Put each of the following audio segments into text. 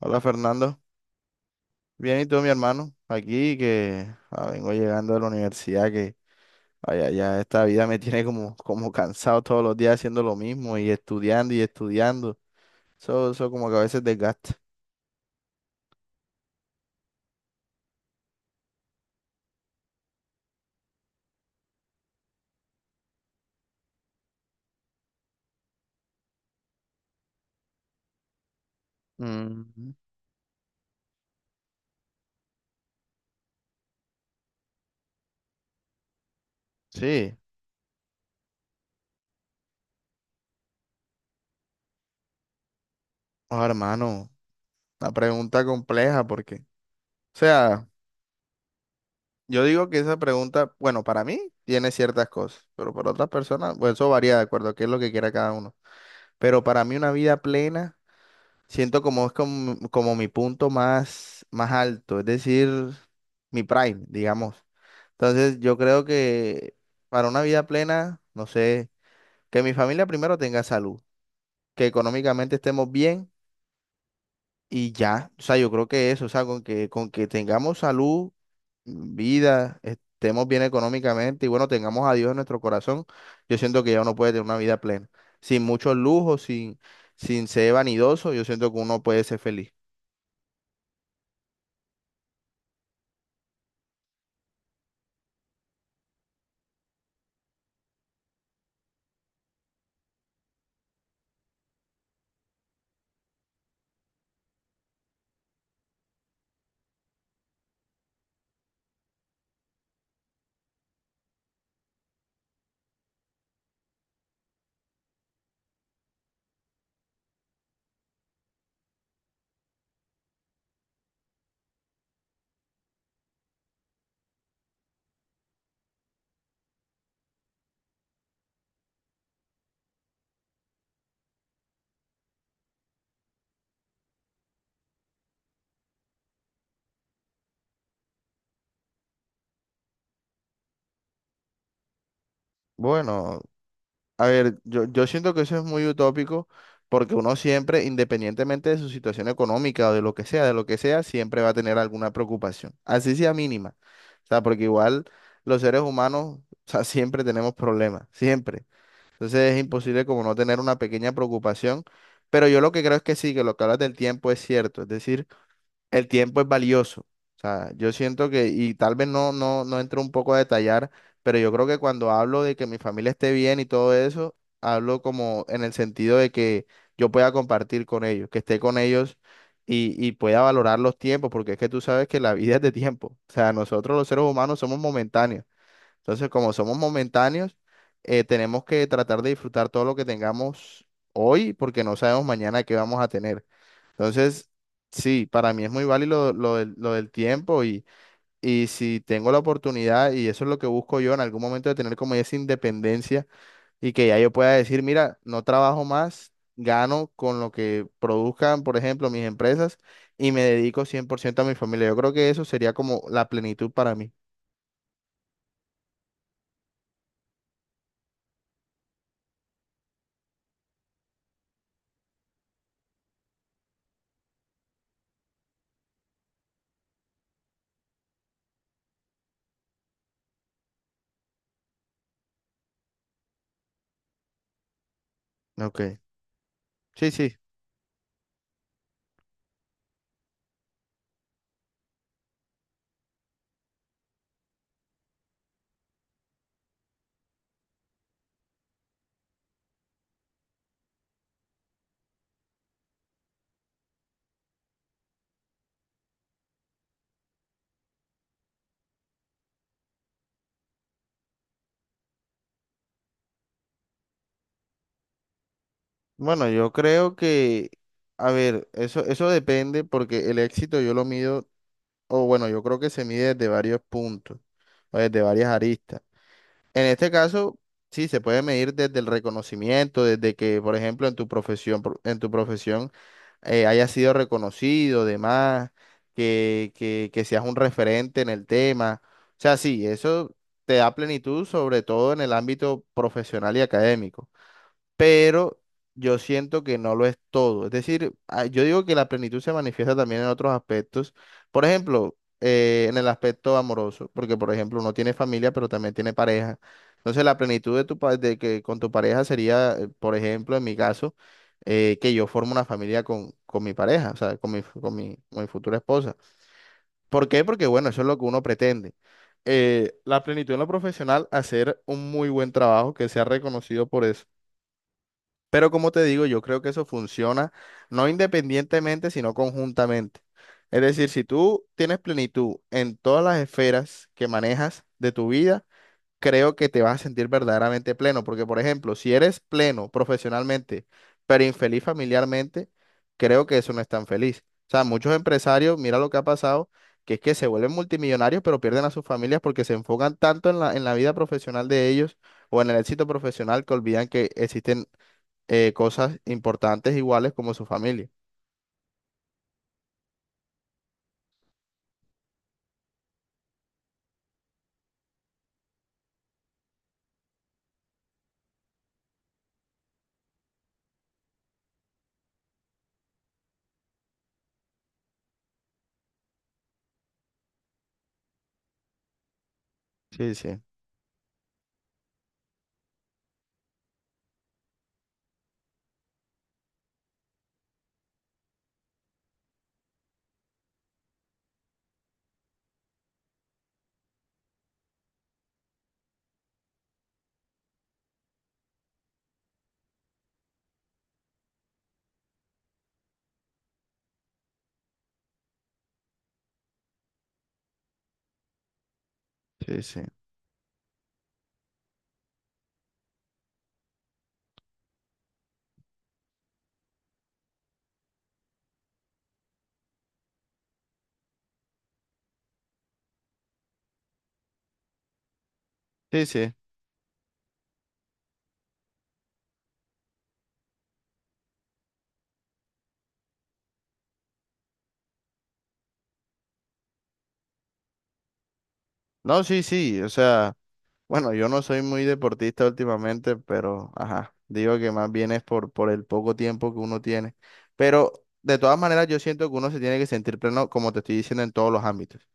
Hola Fernando, bien y tú mi hermano, aquí que vengo llegando de la universidad que vaya, ya esta vida me tiene como cansado todos los días haciendo lo mismo y estudiando, eso como que a veces desgasta. Mm, sí, oh, hermano, una pregunta compleja porque, o sea, yo digo que esa pregunta, bueno, para mí tiene ciertas cosas, pero para otras personas, pues eso varía de acuerdo a qué es lo que quiera cada uno, pero para mí una vida plena siento como es como mi punto más alto, es decir, mi prime, digamos. Entonces, yo creo que para una vida plena, no sé, que mi familia primero tenga salud, que económicamente estemos bien y ya. O sea, yo creo que eso, o sea, con que tengamos salud, vida, estemos bien económicamente y bueno, tengamos a Dios en nuestro corazón, yo siento que ya uno puede tener una vida plena. Sin muchos lujos, sin ser vanidoso, yo siento que uno puede ser feliz. Bueno, a ver, yo siento que eso es muy utópico porque uno siempre, independientemente de su situación económica o de lo que sea, de lo que sea, siempre va a tener alguna preocupación, así sea mínima. O sea, porque igual los seres humanos, o sea, siempre tenemos problemas, siempre. Entonces es imposible como no tener una pequeña preocupación, pero yo lo que creo es que sí, que lo que hablas del tiempo es cierto. Es decir, el tiempo es valioso. O sea, yo siento que, y tal vez no entro un poco a detallar, pero yo creo que cuando hablo de que mi familia esté bien y todo eso, hablo como en el sentido de que yo pueda compartir con ellos, que esté con ellos y pueda valorar los tiempos, porque es que tú sabes que la vida es de tiempo. O sea, nosotros los seres humanos somos momentáneos. Entonces, como somos momentáneos, tenemos que tratar de disfrutar todo lo que tengamos hoy, porque no sabemos mañana qué vamos a tener. Entonces, sí, para mí es muy válido lo del tiempo y si tengo la oportunidad, y eso es lo que busco yo en algún momento de tener como esa independencia y que ya yo pueda decir, mira, no trabajo más, gano con lo que produzcan, por ejemplo, mis empresas y me dedico 100% a mi familia. Yo creo que eso sería como la plenitud para mí. Ok. Sí, sí. Bueno, yo creo que, a ver, eso depende porque el éxito yo lo mido o bueno, yo creo que se mide desde varios puntos o desde varias aristas. En este caso, sí, se puede medir desde el reconocimiento, desde que, por ejemplo, en tu profesión haya sido reconocido, demás, que seas un referente en el tema. O sea, sí, eso te da plenitud, sobre todo en el ámbito profesional y académico, pero yo siento que no lo es todo. Es decir, yo digo que la plenitud se manifiesta también en otros aspectos. Por ejemplo, en el aspecto amoroso, porque por ejemplo uno tiene familia, pero también tiene pareja. Entonces la plenitud de de que con tu pareja sería, por ejemplo, en mi caso, que yo formo una familia con mi pareja, o sea, con mi futura esposa. ¿Por qué? Porque bueno, eso es lo que uno pretende. La plenitud en lo profesional, hacer un muy buen trabajo que sea reconocido por eso, pero como te digo, yo creo que eso funciona no independientemente, sino conjuntamente. Es decir, si tú tienes plenitud en todas las esferas que manejas de tu vida, creo que te vas a sentir verdaderamente pleno. Porque, por ejemplo, si eres pleno profesionalmente, pero infeliz familiarmente, creo que eso no es tan feliz. O sea, muchos empresarios, mira lo que ha pasado, que es que se vuelven multimillonarios, pero pierden a sus familias porque se enfocan tanto en en la vida profesional de ellos o en el éxito profesional, que olvidan que existen cosas importantes iguales como su familia. Sí, sí, sí, sí, sí, sí. No, sí, sí, o sea, bueno, yo no soy muy deportista últimamente, pero, ajá, digo que más bien es por el poco tiempo que uno tiene. Pero, de todas maneras, yo siento que uno se tiene que sentir pleno, como te estoy diciendo, en todos los ámbitos.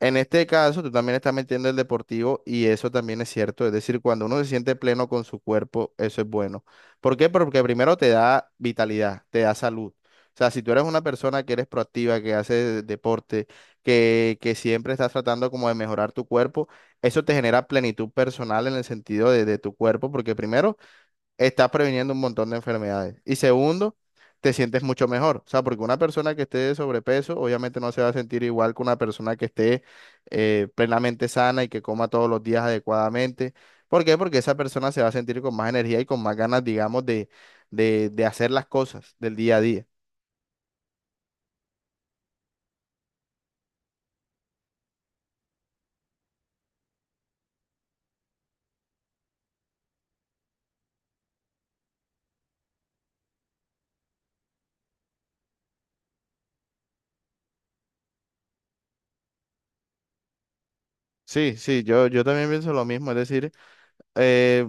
En este caso, tú también estás metiendo el deportivo y eso también es cierto. Es decir, cuando uno se siente pleno con su cuerpo, eso es bueno. ¿Por qué? Porque primero te da vitalidad, te da salud. O sea, si tú eres una persona que eres proactiva, que hace deporte, que siempre estás tratando como de mejorar tu cuerpo, eso te genera plenitud personal en el sentido de tu cuerpo, porque primero estás previniendo un montón de enfermedades. Y segundo, te sientes mucho mejor. O sea, porque una persona que esté de sobrepeso, obviamente no se va a sentir igual que una persona que esté plenamente sana y que coma todos los días adecuadamente. ¿Por qué? Porque esa persona se va a sentir con más energía y con más ganas, digamos, de hacer las cosas del día a día. Sí, sí, yo también pienso lo mismo. Es decir, eh,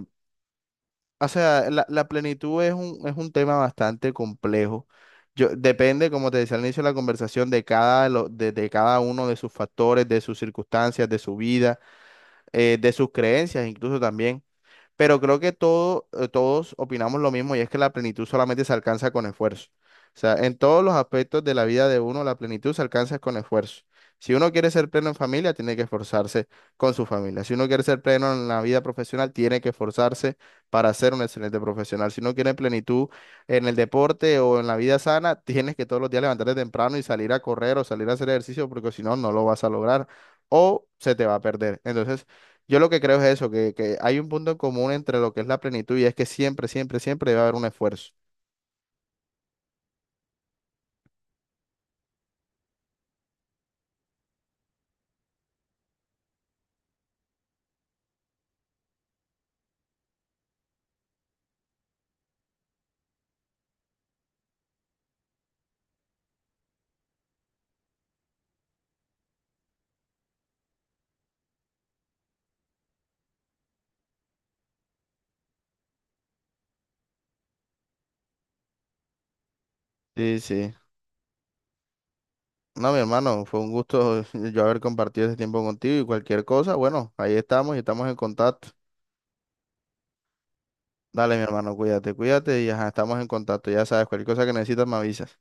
o sea, la plenitud es es un tema bastante complejo. Yo, depende, como te decía al inicio de la conversación, de de cada uno de sus factores, de sus circunstancias, de su vida, de sus creencias incluso también. Pero creo que todo, todos opinamos lo mismo y es que la plenitud solamente se alcanza con esfuerzo. O sea, en todos los aspectos de la vida de uno, la plenitud se alcanza con esfuerzo. Si uno quiere ser pleno en familia, tiene que esforzarse con su familia. Si uno quiere ser pleno en la vida profesional, tiene que esforzarse para ser un excelente profesional. Si uno quiere plenitud en el deporte o en la vida sana, tienes que todos los días levantarte temprano y salir a correr o salir a hacer ejercicio, porque si no, no lo vas a lograr o se te va a perder. Entonces, yo lo que creo es eso, que hay un punto en común entre lo que es la plenitud y es que siempre, siempre, siempre debe haber un esfuerzo. Sí, sí. No, mi hermano, fue un gusto, yo haber compartido este tiempo contigo y cualquier cosa, bueno, ahí estamos y estamos en contacto. Dale, mi hermano, cuídate, cuídate y ajá, estamos en contacto. Ya sabes, cualquier cosa que necesitas me avisas.